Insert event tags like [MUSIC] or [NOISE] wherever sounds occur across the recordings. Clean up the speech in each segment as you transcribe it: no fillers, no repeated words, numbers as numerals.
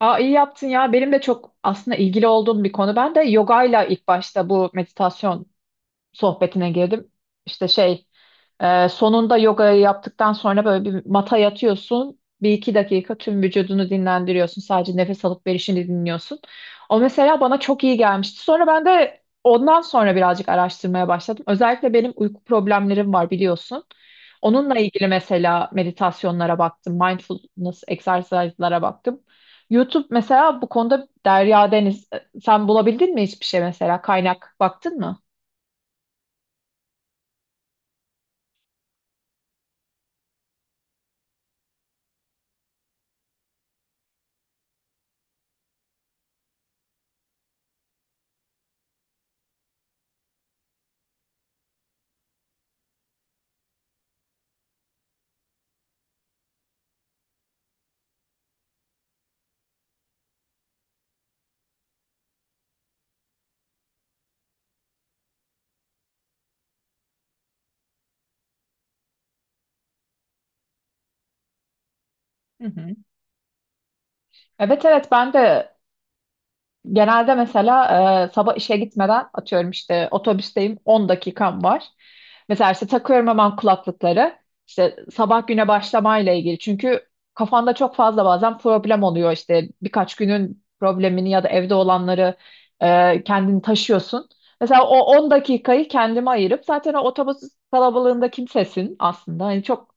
Aa, iyi yaptın ya. Benim de çok aslında ilgili olduğum bir konu. Ben de yogayla ilk başta bu meditasyon sohbetine girdim. İşte sonunda yogayı yaptıktan sonra böyle bir mata yatıyorsun. Bir iki dakika tüm vücudunu dinlendiriyorsun. Sadece nefes alıp verişini dinliyorsun. O mesela bana çok iyi gelmişti. Sonra ben de ondan sonra birazcık araştırmaya başladım. Özellikle benim uyku problemlerim var biliyorsun. Onunla ilgili mesela meditasyonlara baktım. Mindfulness egzersizlere baktım. YouTube mesela bu konuda derya deniz. Sen bulabildin mi hiçbir şey mesela? Kaynak baktın mı? Hı hı. Evet, ben de genelde mesela sabah işe gitmeden, atıyorum işte otobüsteyim, 10 dakikam var. Mesela işte takıyorum hemen kulaklıkları. İşte sabah güne başlamayla ilgili. Çünkü kafanda çok fazla bazen problem oluyor. İşte birkaç günün problemini ya da evde olanları kendini taşıyorsun. Mesela o 10 dakikayı kendime ayırıp zaten o otobüs kalabalığında kimsesin aslında. Hani çok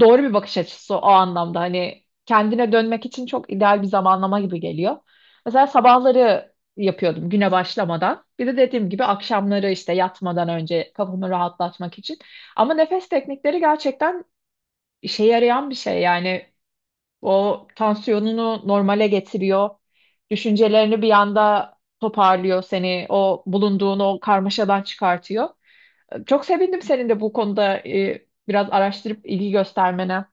doğru bir bakış açısı o anlamda. Hani kendine dönmek için çok ideal bir zamanlama gibi geliyor. Mesela sabahları yapıyordum güne başlamadan. Bir de dediğim gibi akşamları işte yatmadan önce kafamı rahatlatmak için. Ama nefes teknikleri gerçekten işe yarayan bir şey. Yani o tansiyonunu normale getiriyor. Düşüncelerini bir anda toparlıyor seni. O bulunduğun o karmaşadan çıkartıyor. Çok sevindim senin de bu konuda biraz araştırıp ilgi göstermene.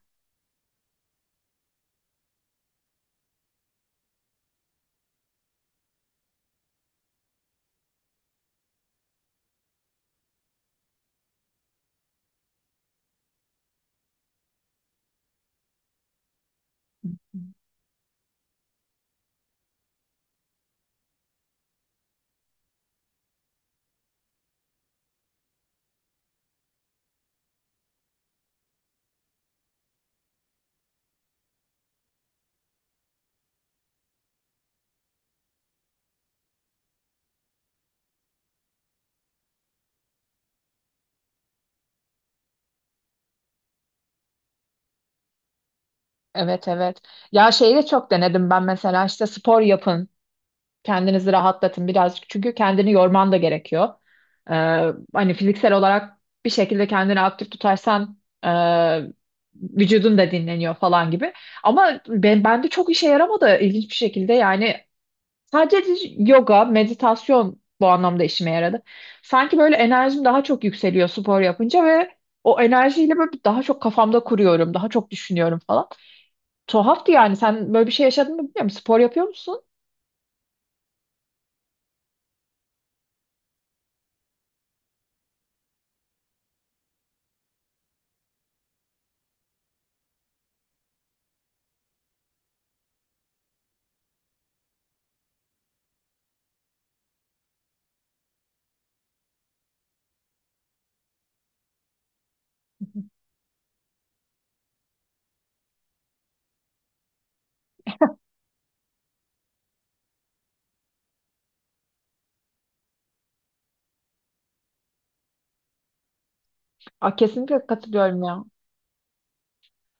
Evet evet. Ya şeyi de çok denedim ben, mesela işte spor yapın. Kendinizi rahatlatın birazcık. Çünkü kendini yorman da gerekiyor. Ee, hani fiziksel olarak bir şekilde kendini aktif tutarsan e, vücudun da dinleniyor falan gibi. Ama bende çok işe yaramadı ilginç bir şekilde. Yani sadece yoga, meditasyon bu anlamda işime yaradı. Sanki böyle enerjim daha çok yükseliyor spor yapınca ve o enerjiyle böyle daha çok kafamda kuruyorum, daha çok düşünüyorum falan. Tuhaftı yani. Sen böyle bir şey yaşadın mı bilmiyorum. Spor yapıyor musun? Aa, kesinlikle katılıyorum ya.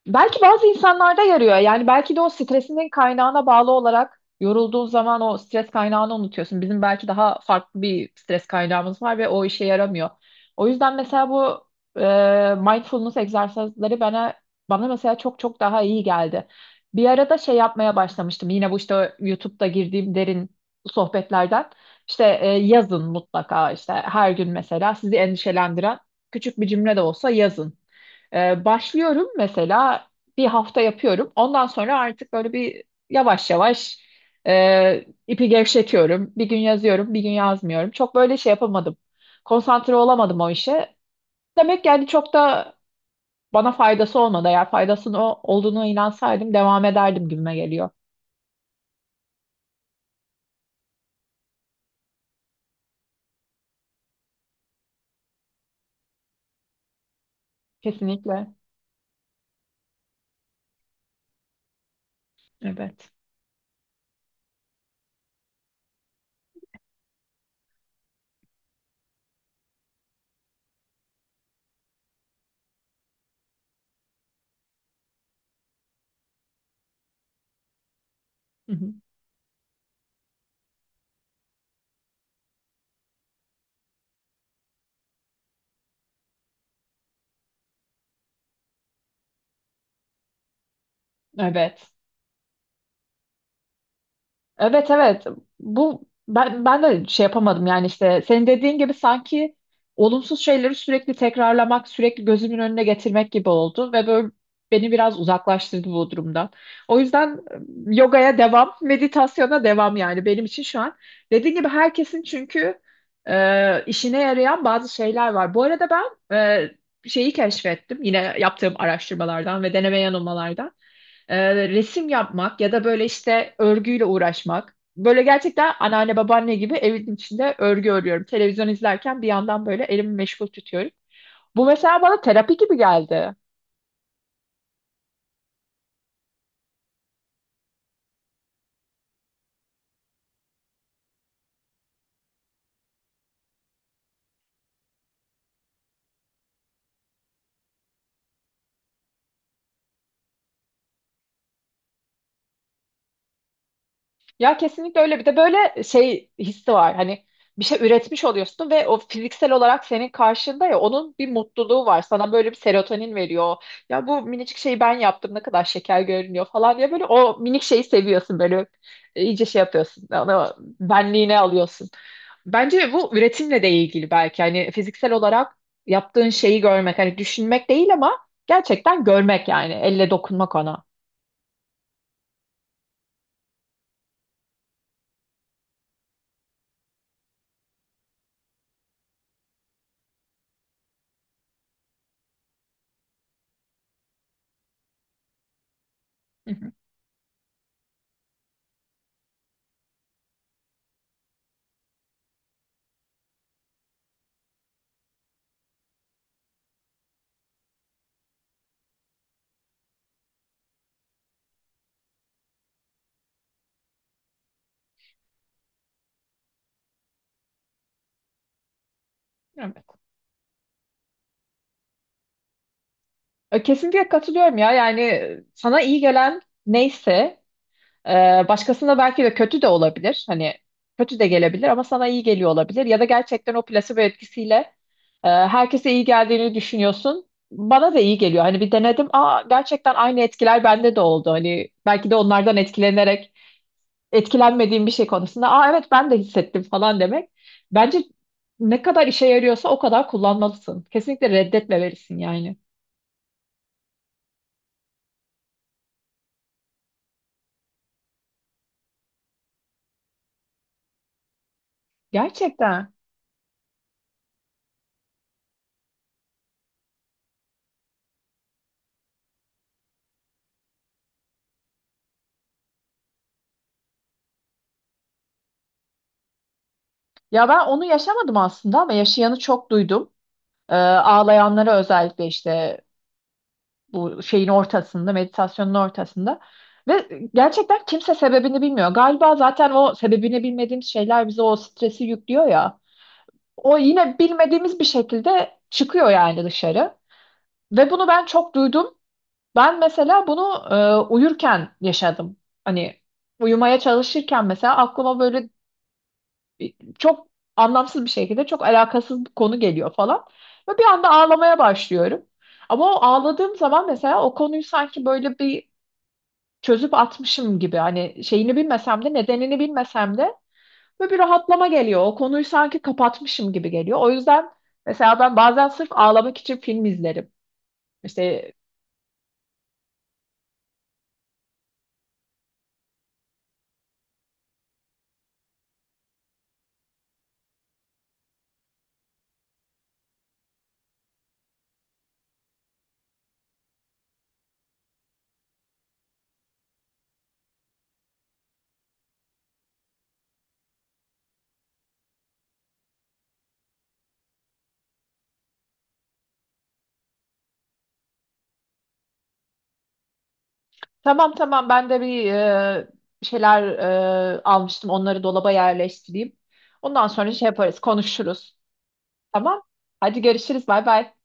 Belki bazı insanlarda yarıyor. Yani belki de o stresinin kaynağına bağlı olarak yorulduğun zaman o stres kaynağını unutuyorsun. Bizim belki daha farklı bir stres kaynağımız var ve o işe yaramıyor. O yüzden mesela bu mindfulness egzersizleri bana mesela çok çok daha iyi geldi. Bir arada şey yapmaya başlamıştım. Yine bu işte YouTube'da girdiğim derin sohbetlerden. İşte yazın, mutlaka işte her gün mesela sizi endişelendiren küçük bir cümle de olsa yazın. Başlıyorum mesela, bir hafta yapıyorum. Ondan sonra artık böyle bir yavaş yavaş ipi gevşetiyorum. Bir gün yazıyorum, bir gün yazmıyorum. Çok böyle şey yapamadım. Konsantre olamadım o işe. Demek yani çok da bana faydası olmadı. Eğer faydasının olduğunu inansaydım devam ederdim gibime geliyor. Kesinlikle. Evet. Hı hı. Evet. Evet, evet, bu ben, de şey yapamadım yani, işte senin dediğin gibi sanki olumsuz şeyleri sürekli tekrarlamak, sürekli gözümün önüne getirmek gibi oldu ve böyle beni biraz uzaklaştırdı bu durumdan. O yüzden yogaya devam, [LAUGHS] meditasyona devam yani benim için şu an. Dediğin gibi herkesin çünkü işine yarayan bazı şeyler var. Bu arada ben şeyi keşfettim yine yaptığım araştırmalardan ve deneme yanılmalardan: resim yapmak ya da böyle işte örgüyle uğraşmak. Böyle gerçekten anneanne babaanne gibi evin içinde örgü örüyorum. Televizyon izlerken bir yandan böyle elimi meşgul tutuyorum. Bu mesela bana terapi gibi geldi. Ya kesinlikle öyle. Bir de böyle şey hissi var. Hani bir şey üretmiş oluyorsun ve o fiziksel olarak senin karşında, ya onun bir mutluluğu var. Sana böyle bir serotonin veriyor. Ya bu minicik şeyi ben yaptım, ne kadar şeker görünüyor falan diye böyle o minik şeyi seviyorsun böyle. E, iyice şey yapıyorsun. Onu benliğine alıyorsun. Bence bu üretimle de ilgili belki. Hani fiziksel olarak yaptığın şeyi görmek. Hani düşünmek değil ama gerçekten görmek yani. Elle dokunmak ona. Hı hı. Evet. E, kesinlikle katılıyorum ya. Yani sana iyi gelen neyse başkasına belki de kötü de olabilir. Hani kötü de gelebilir ama sana iyi geliyor olabilir. Ya da gerçekten o plasebo etkisiyle herkese iyi geldiğini düşünüyorsun. Bana da iyi geliyor. Hani bir denedim. Aa, gerçekten aynı etkiler bende de oldu. Hani belki de onlardan etkilenerek etkilenmediğim bir şey konusunda, aa evet ben de hissettim falan demek. Bence ne kadar işe yarıyorsa o kadar kullanmalısın. Kesinlikle reddetmemelisin yani. Gerçekten. Ya ben onu yaşamadım aslında ama yaşayanı çok duydum. Ağlayanlara, özellikle işte bu şeyin ortasında, meditasyonun ortasında. Ve gerçekten kimse sebebini bilmiyor. Galiba zaten o sebebini bilmediğimiz şeyler bize o stresi yüklüyor ya. O yine bilmediğimiz bir şekilde çıkıyor yani dışarı. Ve bunu ben çok duydum. Ben mesela bunu uyurken yaşadım. Hani uyumaya çalışırken mesela aklıma böyle çok anlamsız bir şekilde, çok alakasız bir konu geliyor falan. Ve bir anda ağlamaya başlıyorum. Ama o ağladığım zaman mesela o konuyu sanki böyle bir çözüp atmışım gibi, hani şeyini bilmesem de, nedenini bilmesem de ve bir rahatlama geliyor. O konuyu sanki kapatmışım gibi geliyor. O yüzden mesela ben bazen sırf ağlamak için film izlerim. İşte tamam tamam, ben de bir şeyler almıştım, onları dolaba yerleştireyim. Ondan sonra şey yaparız, konuşuruz. Tamam. Hadi görüşürüz. Bay bay.